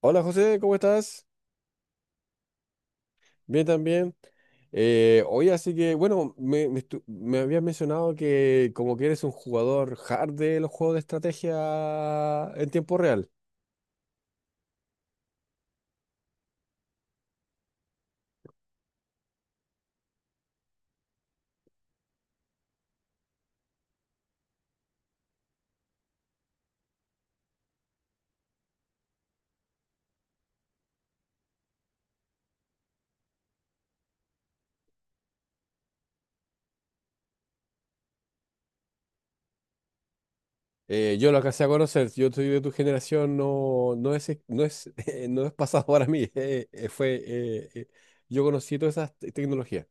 Hola José, ¿cómo estás? Bien también. Oye, así que, bueno, me, estu- me habías mencionado que como que eres un jugador hard de los juegos de estrategia en tiempo real. Yo lo alcancé a conocer, yo soy de tu generación, no es, no es pasado para mí. Yo conocí todas esas tecnologías.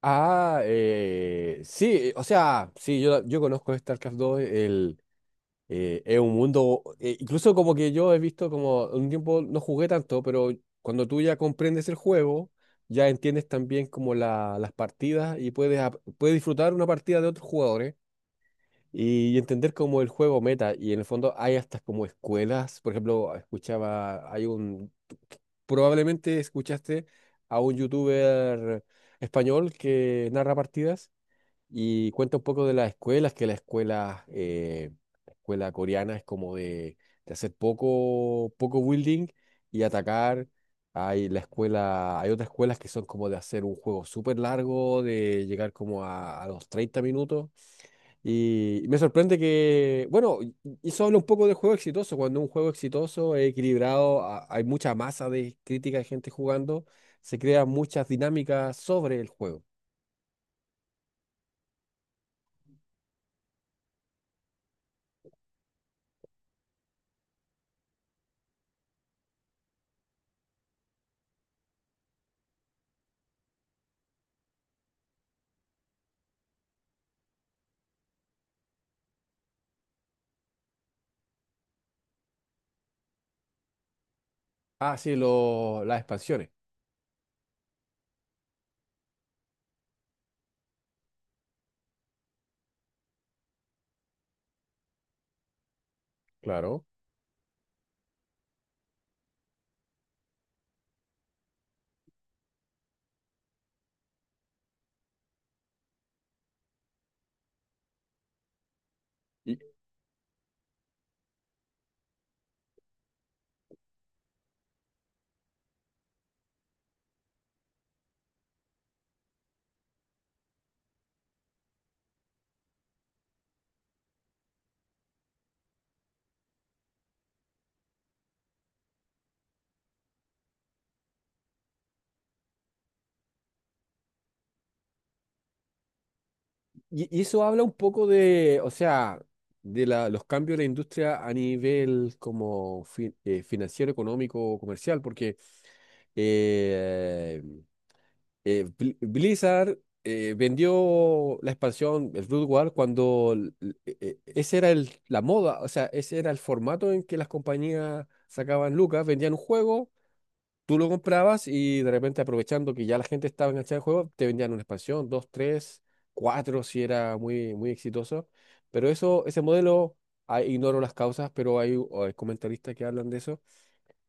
Yo conozco StarCraft 2. Es un mundo. Incluso como que yo he visto como un tiempo no jugué tanto, pero cuando tú ya comprendes el juego, ya entiendes también como las partidas y puedes, puedes disfrutar una partida de otros jugadores y entender como el juego meta. Y en el fondo hay hasta como escuelas. Por ejemplo, escuchaba, probablemente escuchaste a un youtuber español que narra partidas y cuenta un poco de las escuelas, que la escuela coreana es como de hacer poco building y atacar. Hay otras escuelas que son como de hacer un juego súper largo, de llegar como a los 30 minutos. Y me sorprende que, bueno, y eso habla un poco del juego exitoso. Cuando un juego exitoso es equilibrado, hay mucha masa de crítica de gente jugando, se crean muchas dinámicas sobre el juego. Ah, sí, las expansiones. Claro. Y, y eso habla un poco de, o sea, de los cambios de la industria a nivel como financiero, económico, comercial, porque eh, Blizzard vendió la expansión, el Brood War, cuando ese era el, la moda. O sea, ese era el formato en que las compañías sacaban lucas, vendían un juego. Tú lo comprabas y de repente aprovechando que ya la gente estaba enganchada al juego, te vendían una expansión, dos, tres, cuatro, si era muy, muy exitoso. Pero eso, ese modelo, ah, ignoro las causas, pero hay, o hay comentaristas que hablan de eso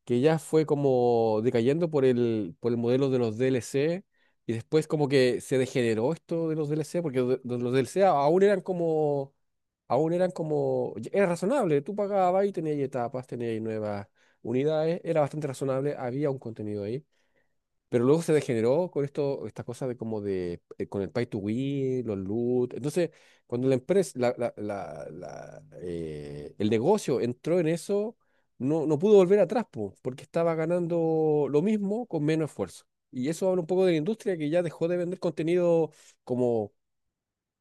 que ya fue como decayendo por el modelo de los DLC, y después como que se degeneró esto de los DLC, porque de los DLC aún eran como, era razonable, tú pagabas y tenías ahí etapas, tenías ahí nuevas unidades, era bastante razonable, había un contenido ahí. Pero luego se degeneró con esto, esta cosa de como de, con el pay to win, los loot. Entonces, cuando la empresa, el negocio entró en eso, no pudo volver atrás, po, porque estaba ganando lo mismo con menos esfuerzo. Y eso habla un poco de la industria que ya dejó de vender contenido como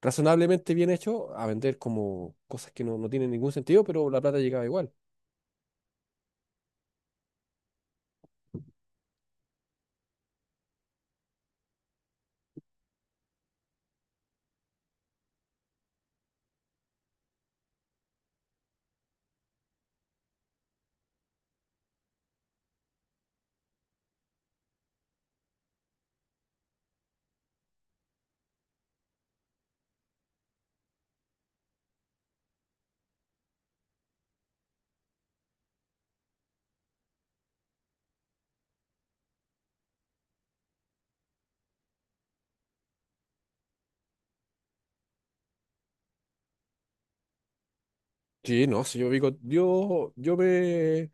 razonablemente bien hecho a vender como cosas que no tienen ningún sentido, pero la plata llegaba igual. Sí, no, si yo vi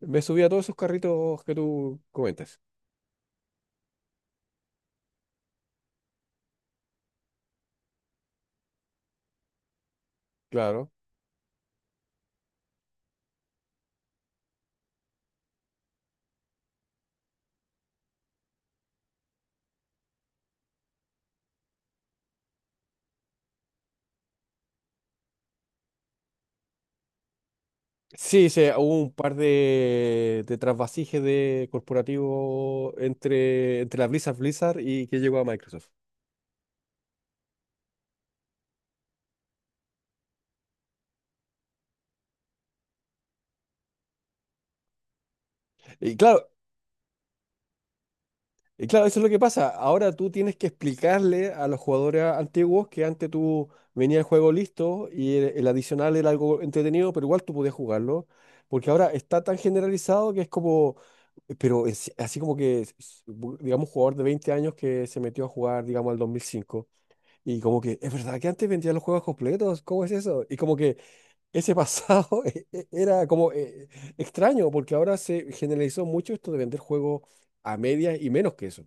me subí a todos esos carritos que tú comentas. Claro. Sí, sí, hubo un par de trasvasijes de corporativo entre, entre la Blizzard y que llegó a Microsoft. Y claro, Y claro, eso es lo que pasa. Ahora tú tienes que explicarle a los jugadores antiguos que antes tú venía el juego listo y el adicional era algo entretenido, pero igual tú podías jugarlo, porque ahora está tan generalizado que es como, pero es así como que, digamos, un jugador de 20 años que se metió a jugar, digamos, al 2005 y como que, es verdad que antes vendían los juegos completos. ¿Cómo es eso? Y como que ese pasado era como extraño, porque ahora se generalizó mucho esto de vender juegos a medias y menos que eso.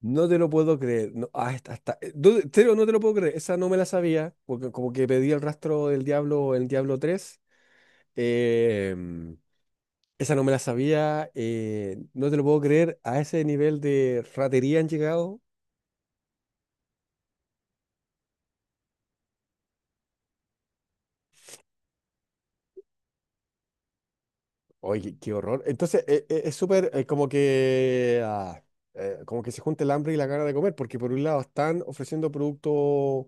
No te lo puedo creer. No, ah, está, está. No, en serio, no te lo puedo creer. Esa no me la sabía, porque como que pedí el rastro del diablo el Diablo tres, em, esa no me la sabía. No te lo puedo creer. A ese nivel de ratería han llegado. Oye, qué, qué horror. Entonces, es súper como que ah, como que se junta el hambre y la gana de comer, porque por un lado están ofreciendo productos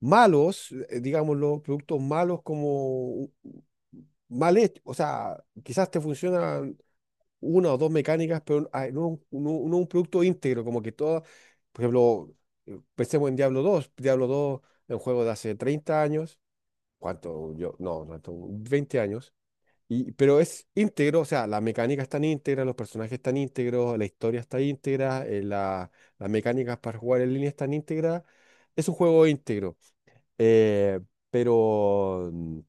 malos. Digámoslo, productos malos como mal hecho. O sea, quizás te funcionan una o dos mecánicas, pero ah, no, no un producto íntegro, como que todo, por ejemplo, pensemos en Diablo dos es un juego de hace 30 años. ¿Cuánto? Yo, no, 20 años, y, pero es íntegro. O sea, las mecánicas están íntegras, los personajes están íntegros, la historia está íntegra, las mecánicas para jugar en línea están íntegras, es un juego íntegro. Eh, pero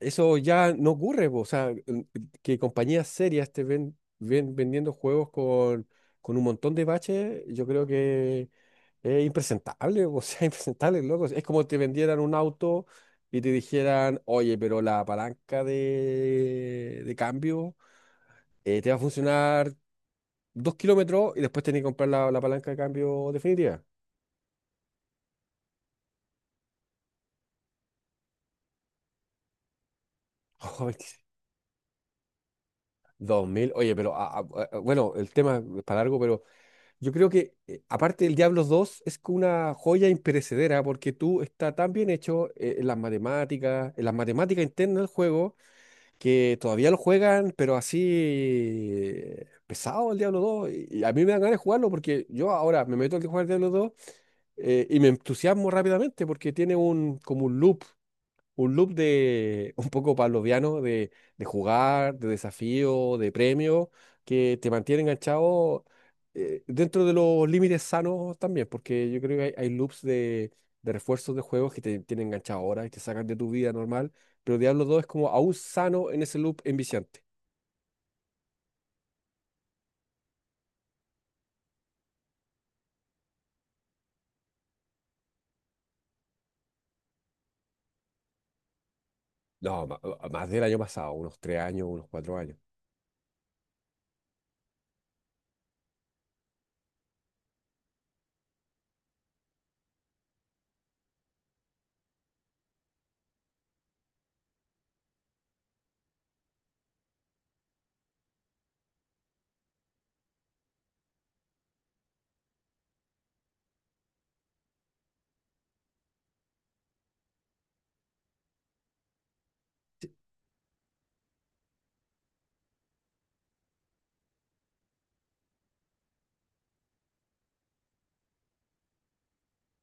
eso ya no ocurre, po. O sea, que compañías serias te ven vendiendo juegos con un montón de baches, yo creo que es impresentable, po. O sea, impresentable, loco. Es como te vendieran un auto y te dijeran, oye, pero la palanca de cambio te va a funcionar 2 kilómetros y después tenés que comprar la palanca de cambio definitiva. Dos mil, oye, pero ah, ah, ah, bueno, el tema es para largo, pero yo creo que, aparte del Diablos 2, es que una joya imperecedera porque tú está tan bien hecho en las matemáticas internas del juego, que todavía lo juegan, pero así pesado el Diablo 2. Y a mí me dan ganas de jugarlo porque yo ahora me meto a jugar Diablo 2, y me entusiasmo rápidamente porque tiene un, como un loop de un poco pavloviano de jugar, de desafío, de premio, que te mantiene enganchado dentro de los límites sanos también, porque yo creo que hay loops de refuerzos de juegos que te tienen enganchado ahora y te sacan de tu vida normal, pero Diablo dos es como aún sano en ese loop enviciante. No, más del año pasado, unos tres años, unos cuatro años.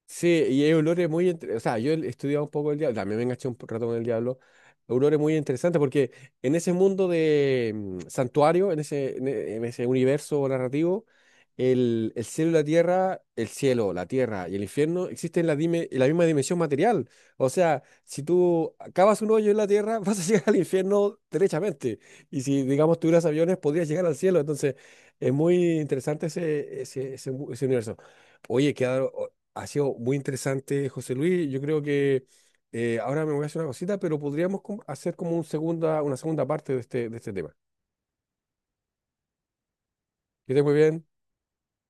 Sí, y hay olores muy... O sea, yo he estudiado un poco el diablo, también me enganché un rato con el diablo. Olores muy interesantes porque en ese mundo de santuario, en ese, en en ese universo narrativo, el cielo y la tierra, el cielo, la tierra y el infierno existen en la, en la misma dimensión material. O sea, si tú cavas un hoyo en la tierra, vas a llegar al infierno derechamente. Y si, digamos, tuvieras aviones, podrías llegar al cielo. Entonces, es muy interesante ese, ese, ese universo. Oye, ha sido muy interesante, José Luis. Yo creo que ahora me voy a hacer una cosita, pero podríamos hacer como un una segunda parte de este tema. Que estés muy bien.